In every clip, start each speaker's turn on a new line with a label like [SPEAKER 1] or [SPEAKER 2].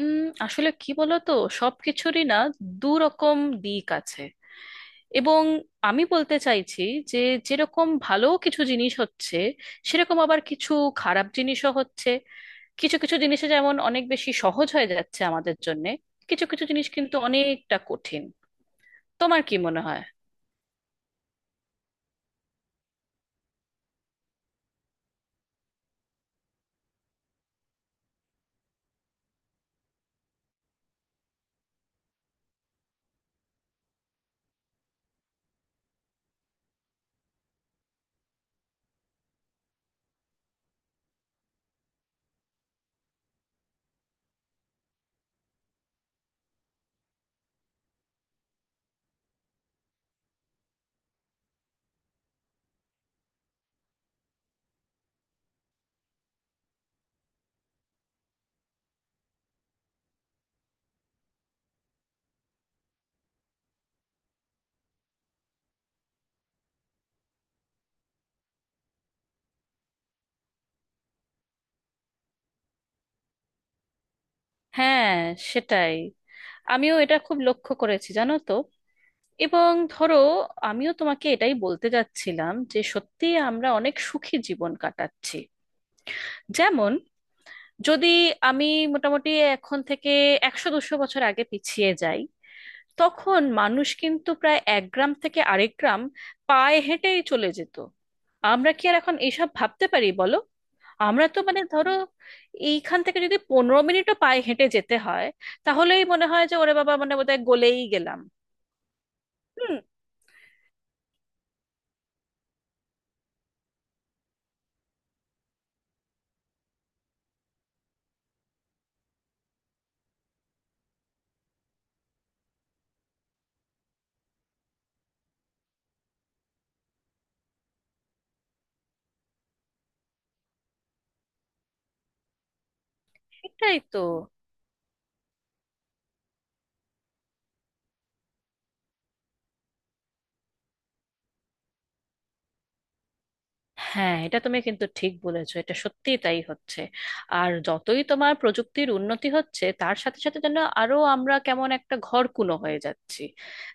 [SPEAKER 1] উম, আসলে কি বলতো, সবকিছুরই না দু রকম দিক আছে। এবং আমি বলতে চাইছি যে যেরকম ভালো কিছু জিনিস হচ্ছে, সেরকম আবার কিছু খারাপ জিনিসও হচ্ছে। কিছু কিছু জিনিসে যেমন অনেক বেশি সহজ হয়ে যাচ্ছে আমাদের জন্যে, কিছু কিছু জিনিস কিন্তু অনেকটা কঠিন। তোমার কি মনে হয়? হ্যাঁ, সেটাই। আমিও এটা খুব লক্ষ্য করেছি জানো তো। এবং ধরো, আমিও তোমাকে এটাই বলতে যাচ্ছিলাম যে সত্যি আমরা অনেক সুখী জীবন কাটাচ্ছি। যেমন, যদি আমি মোটামুটি এখন থেকে 100-200 বছর আগে পিছিয়ে যাই, তখন মানুষ কিন্তু প্রায় এক গ্রাম থেকে আরেক গ্রাম পায়ে হেঁটেই চলে যেত। আমরা কি আর এখন এইসব ভাবতে পারি বলো? আমরা তো মানে ধরো এইখান থেকে যদি 15 মিনিটও পায়ে হেঁটে যেতে হয়, তাহলেই মনে হয় যে ওরে বাবা মানে বোধহয় গলেই গেলাম। হুম। এটাই তো। হ্যাঁ, এটা তুমি কিন্তু ঠিক বলেছো, এটা সত্যিই তাই হচ্ছে। আর যতই তোমার প্রযুক্তির উন্নতি হচ্ছে, তার সাথে সাথে যেন আরো আমরা কেমন একটা ঘরকুনো হয়ে যাচ্ছি।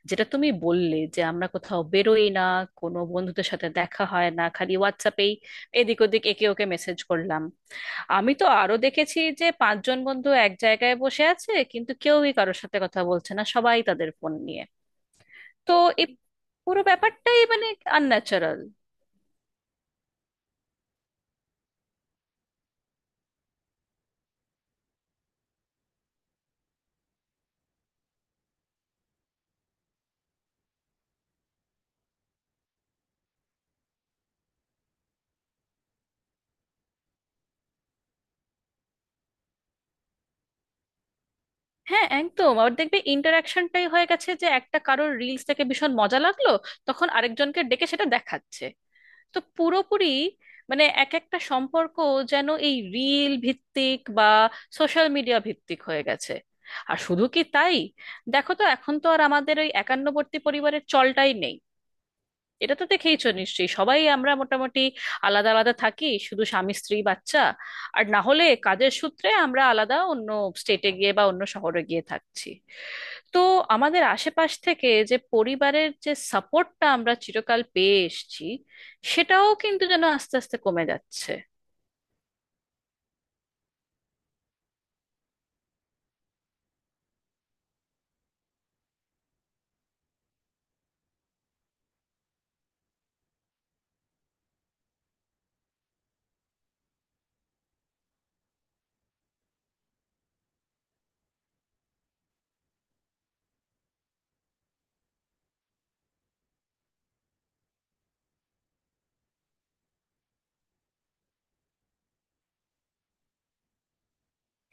[SPEAKER 1] যেটা তুমি বললে যে আমরা কোথাও বেরোই না, কোনো বন্ধুদের সাথে দেখা হয় না, খালি হোয়াটসঅ্যাপেই এদিক ওদিক একে ওকে মেসেজ করলাম। আমি তো আরো দেখেছি যে পাঁচজন বন্ধু এক জায়গায় বসে আছে কিন্তু কেউই কারোর সাথে কথা বলছে না, সবাই তাদের ফোন নিয়ে। তো এই পুরো ব্যাপারটাই মানে আনন্যাচারাল। হ্যাঁ একদম। আবার দেখবে ইন্টারাকশনটাই হয়ে গেছে যে একটা কারোর রিলস দেখে ভীষণ মজা লাগলো, তখন আরেকজনকে ডেকে সেটা দেখাচ্ছে। তো পুরোপুরি মানে এক একটা সম্পর্ক যেন এই রিল ভিত্তিক বা সোশ্যাল মিডিয়া ভিত্তিক হয়ে গেছে। আর শুধু কি তাই, দেখো তো, এখন তো আর আমাদের ওই একান্নবর্তী পরিবারের চলটাই নেই। এটা তো দেখেইছো নিশ্চয়ই, সবাই আমরা মোটামুটি আলাদা আলাদা থাকি, শুধু স্বামী স্ত্রী বাচ্চা। আর না হলে কাজের সূত্রে আমরা আলাদা অন্য স্টেটে গিয়ে বা অন্য শহরে গিয়ে থাকছি। তো আমাদের আশেপাশ থেকে যে পরিবারের যে সাপোর্টটা আমরা চিরকাল পেয়ে এসেছি, সেটাও কিন্তু যেন আস্তে আস্তে কমে যাচ্ছে।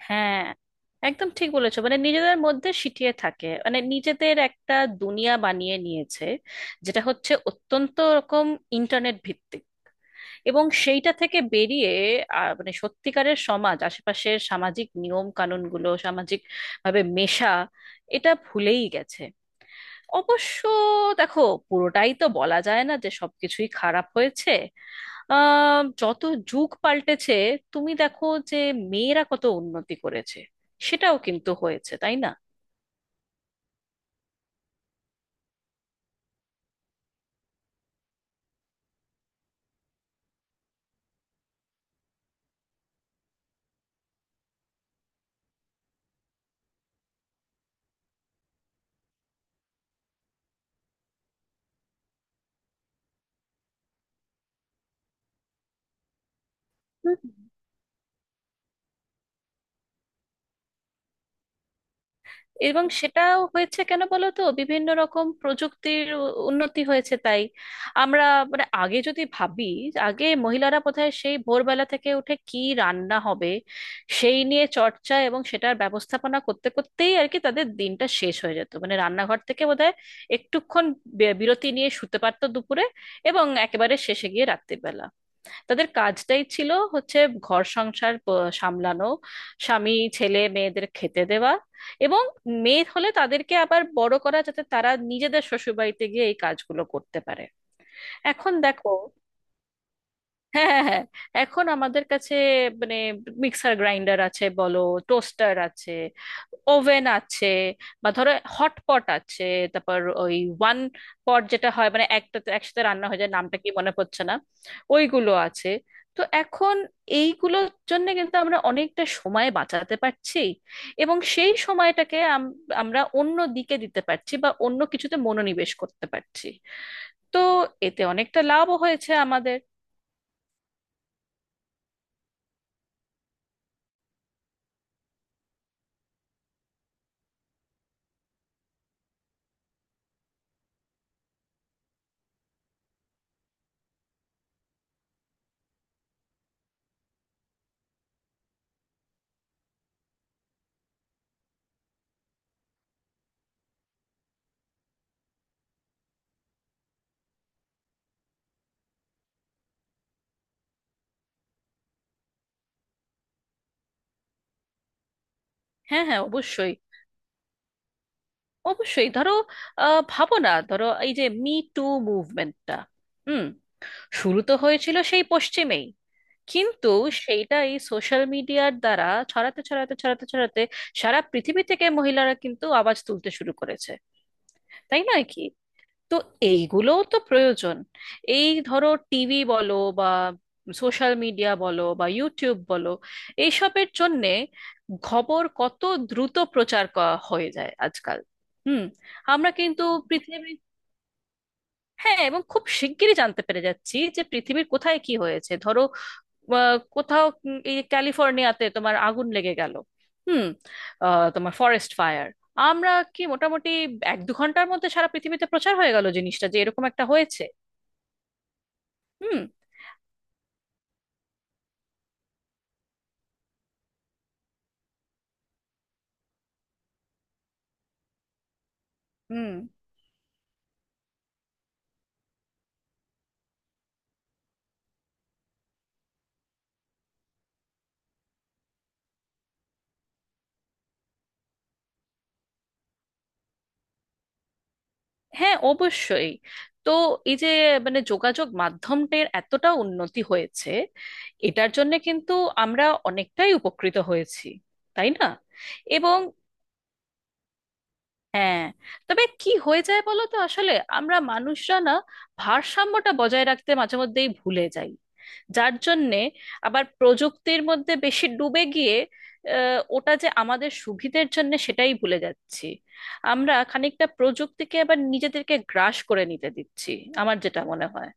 [SPEAKER 1] হ্যাঁ, একদম ঠিক বলেছো। মানে নিজেদের মধ্যে সিটিয়ে থাকে, মানে নিজেদের একটা দুনিয়া বানিয়ে নিয়েছে, যেটা হচ্ছে অত্যন্ত রকম ইন্টারনেট ভিত্তিক। এবং সেইটা থেকে বেরিয়ে মানে সত্যিকারের সমাজ, আশেপাশের সামাজিক নিয়ম কানুনগুলো, সামাজিক ভাবে মেশা, এটা ভুলেই গেছে। অবশ্য দেখো পুরোটাই তো বলা যায় না যে সবকিছুই খারাপ হয়েছে। যত যুগ পাল্টেছে, তুমি দেখো যে মেয়েরা কত উন্নতি করেছে, সেটাও কিন্তু হয়েছে, তাই না? এবং সেটাও হয়েছে কেন বলো তো, বিভিন্ন রকম প্রযুক্তির উন্নতি হয়েছে তাই। আমরা মানে আগে যদি ভাবি, আগে মহিলারা বোধহয় সেই ভোরবেলা থেকে উঠে কি রান্না হবে সেই নিয়ে চর্চা এবং সেটার ব্যবস্থাপনা করতে করতেই আর কি তাদের দিনটা শেষ হয়ে যেত। মানে রান্নাঘর থেকে বোধহয় একটুক্ষণ বিরতি নিয়ে শুতে পারতো দুপুরে, এবং একেবারে শেষে গিয়ে রাত্রিবেলা। তাদের কাজটাই ছিল হচ্ছে ঘর সংসার সামলানো, স্বামী ছেলে মেয়েদের খেতে দেওয়া, এবং মেয়ে হলে তাদেরকে আবার বড় করা যাতে তারা নিজেদের শ্বশুরবাড়িতে গিয়ে এই কাজগুলো করতে পারে। এখন দেখো, হ্যাঁ হ্যাঁ হ্যাঁ, এখন আমাদের কাছে মানে মিক্সার গ্রাইন্ডার আছে বলো, টোস্টার আছে, ওভেন আছে, বা ধরো হটপট আছে, তারপর ওই ওয়ান পট যেটা হয় মানে একটা একসাথে রান্না হয়ে যায়, নামটা কি মনে পড়ছে না, ওইগুলো আছে। তো এখন এইগুলোর জন্য কিন্তু আমরা অনেকটা সময় বাঁচাতে পারছি, এবং সেই সময়টাকে আমরা অন্য দিকে দিতে পারছি বা অন্য কিছুতে মনোনিবেশ করতে পারছি। তো এতে অনেকটা লাভও হয়েছে আমাদের। হ্যাঁ হ্যাঁ অবশ্যই। অবশ্যই ধরো, ভাবো না ধরো, এই যে মি টু মুভমেন্টটা, হুম, শুরু তো হয়েছিল সেই পশ্চিমেই, কিন্তু সেইটা এই সোশ্যাল মিডিয়ার দ্বারা ছড়াতে ছড়াতে ছড়াতে ছড়াতে সারা পৃথিবী থেকে মহিলারা কিন্তু আওয়াজ তুলতে শুরু করেছে। তাই নয় কি? তো এইগুলোও তো প্রয়োজন। এই ধরো টিভি বলো, বা সোশ্যাল মিডিয়া বলো, বা ইউটিউব বলো, এইসবের জন্যে খবর কত দ্রুত প্রচার করা হয়ে যায় আজকাল। হুম। আমরা কিন্তু পৃথিবী, হ্যাঁ, এবং খুব শিগগিরই জানতে পেরে যাচ্ছি যে পৃথিবীর কোথায় কি হয়েছে, ধরো। বা কোথাও এই ক্যালিফোর্নিয়াতে তোমার আগুন লেগে গেল, হুম, তোমার ফরেস্ট ফায়ার, আমরা কি মোটামুটি 1-2 ঘন্টার মধ্যে সারা পৃথিবীতে প্রচার হয়ে গেল জিনিসটা যে এরকম একটা হয়েছে। হুম। হুম। হ্যাঁ অবশ্যই। তো এই যে মানে যোগাযোগ মাধ্যমটির এতটা উন্নতি হয়েছে, এটার জন্য কিন্তু আমরা অনেকটাই উপকৃত হয়েছি, তাই না? এবং, হ্যাঁ, তবে কি হয়ে যায় বলো তো আসলে, আমরা মানুষরা না ভারসাম্যটা বজায় রাখতে মাঝে মধ্যেই ভুলে যাই। যার জন্যে আবার প্রযুক্তির মধ্যে বেশি ডুবে গিয়ে ওটা যে আমাদের সুবিধের জন্য সেটাই ভুলে যাচ্ছি। আমরা খানিকটা প্রযুক্তিকে আবার নিজেদেরকে গ্রাস করে নিতে দিচ্ছি, আমার যেটা মনে হয়।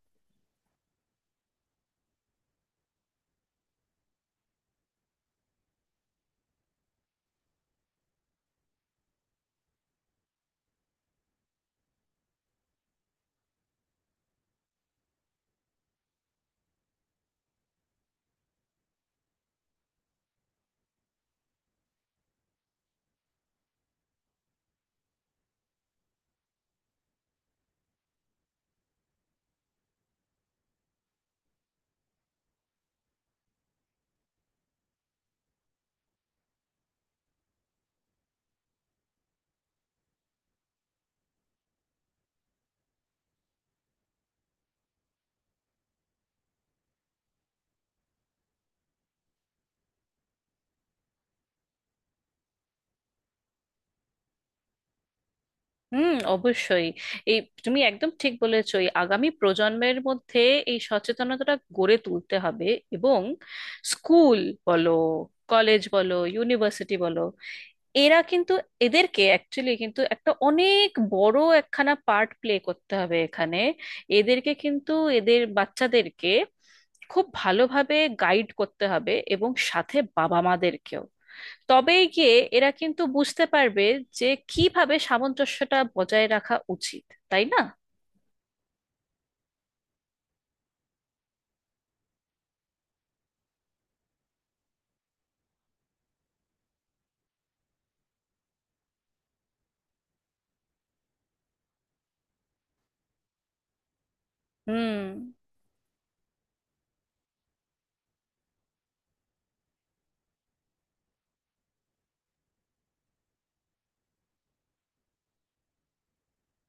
[SPEAKER 1] হুম, অবশ্যই। এই, তুমি একদম ঠিক বলেছো, এই আগামী প্রজন্মের মধ্যে এই সচেতনতাটা গড়ে তুলতে হবে। এবং স্কুল বলো, কলেজ বলো, ইউনিভার্সিটি বলো, এরা কিন্তু, এদেরকে অ্যাকচুয়ালি কিন্তু একটা অনেক বড় একখানা পার্ট প্লে করতে হবে এখানে। এদেরকে কিন্তু, এদের বাচ্চাদেরকে খুব ভালোভাবে গাইড করতে হবে, এবং সাথে বাবা মাদেরকেও। তবেই গিয়ে এরা কিন্তু বুঝতে পারবে যে কিভাবে সামঞ্জস্যটা বজায় রাখা উচিত, তাই না? হুম।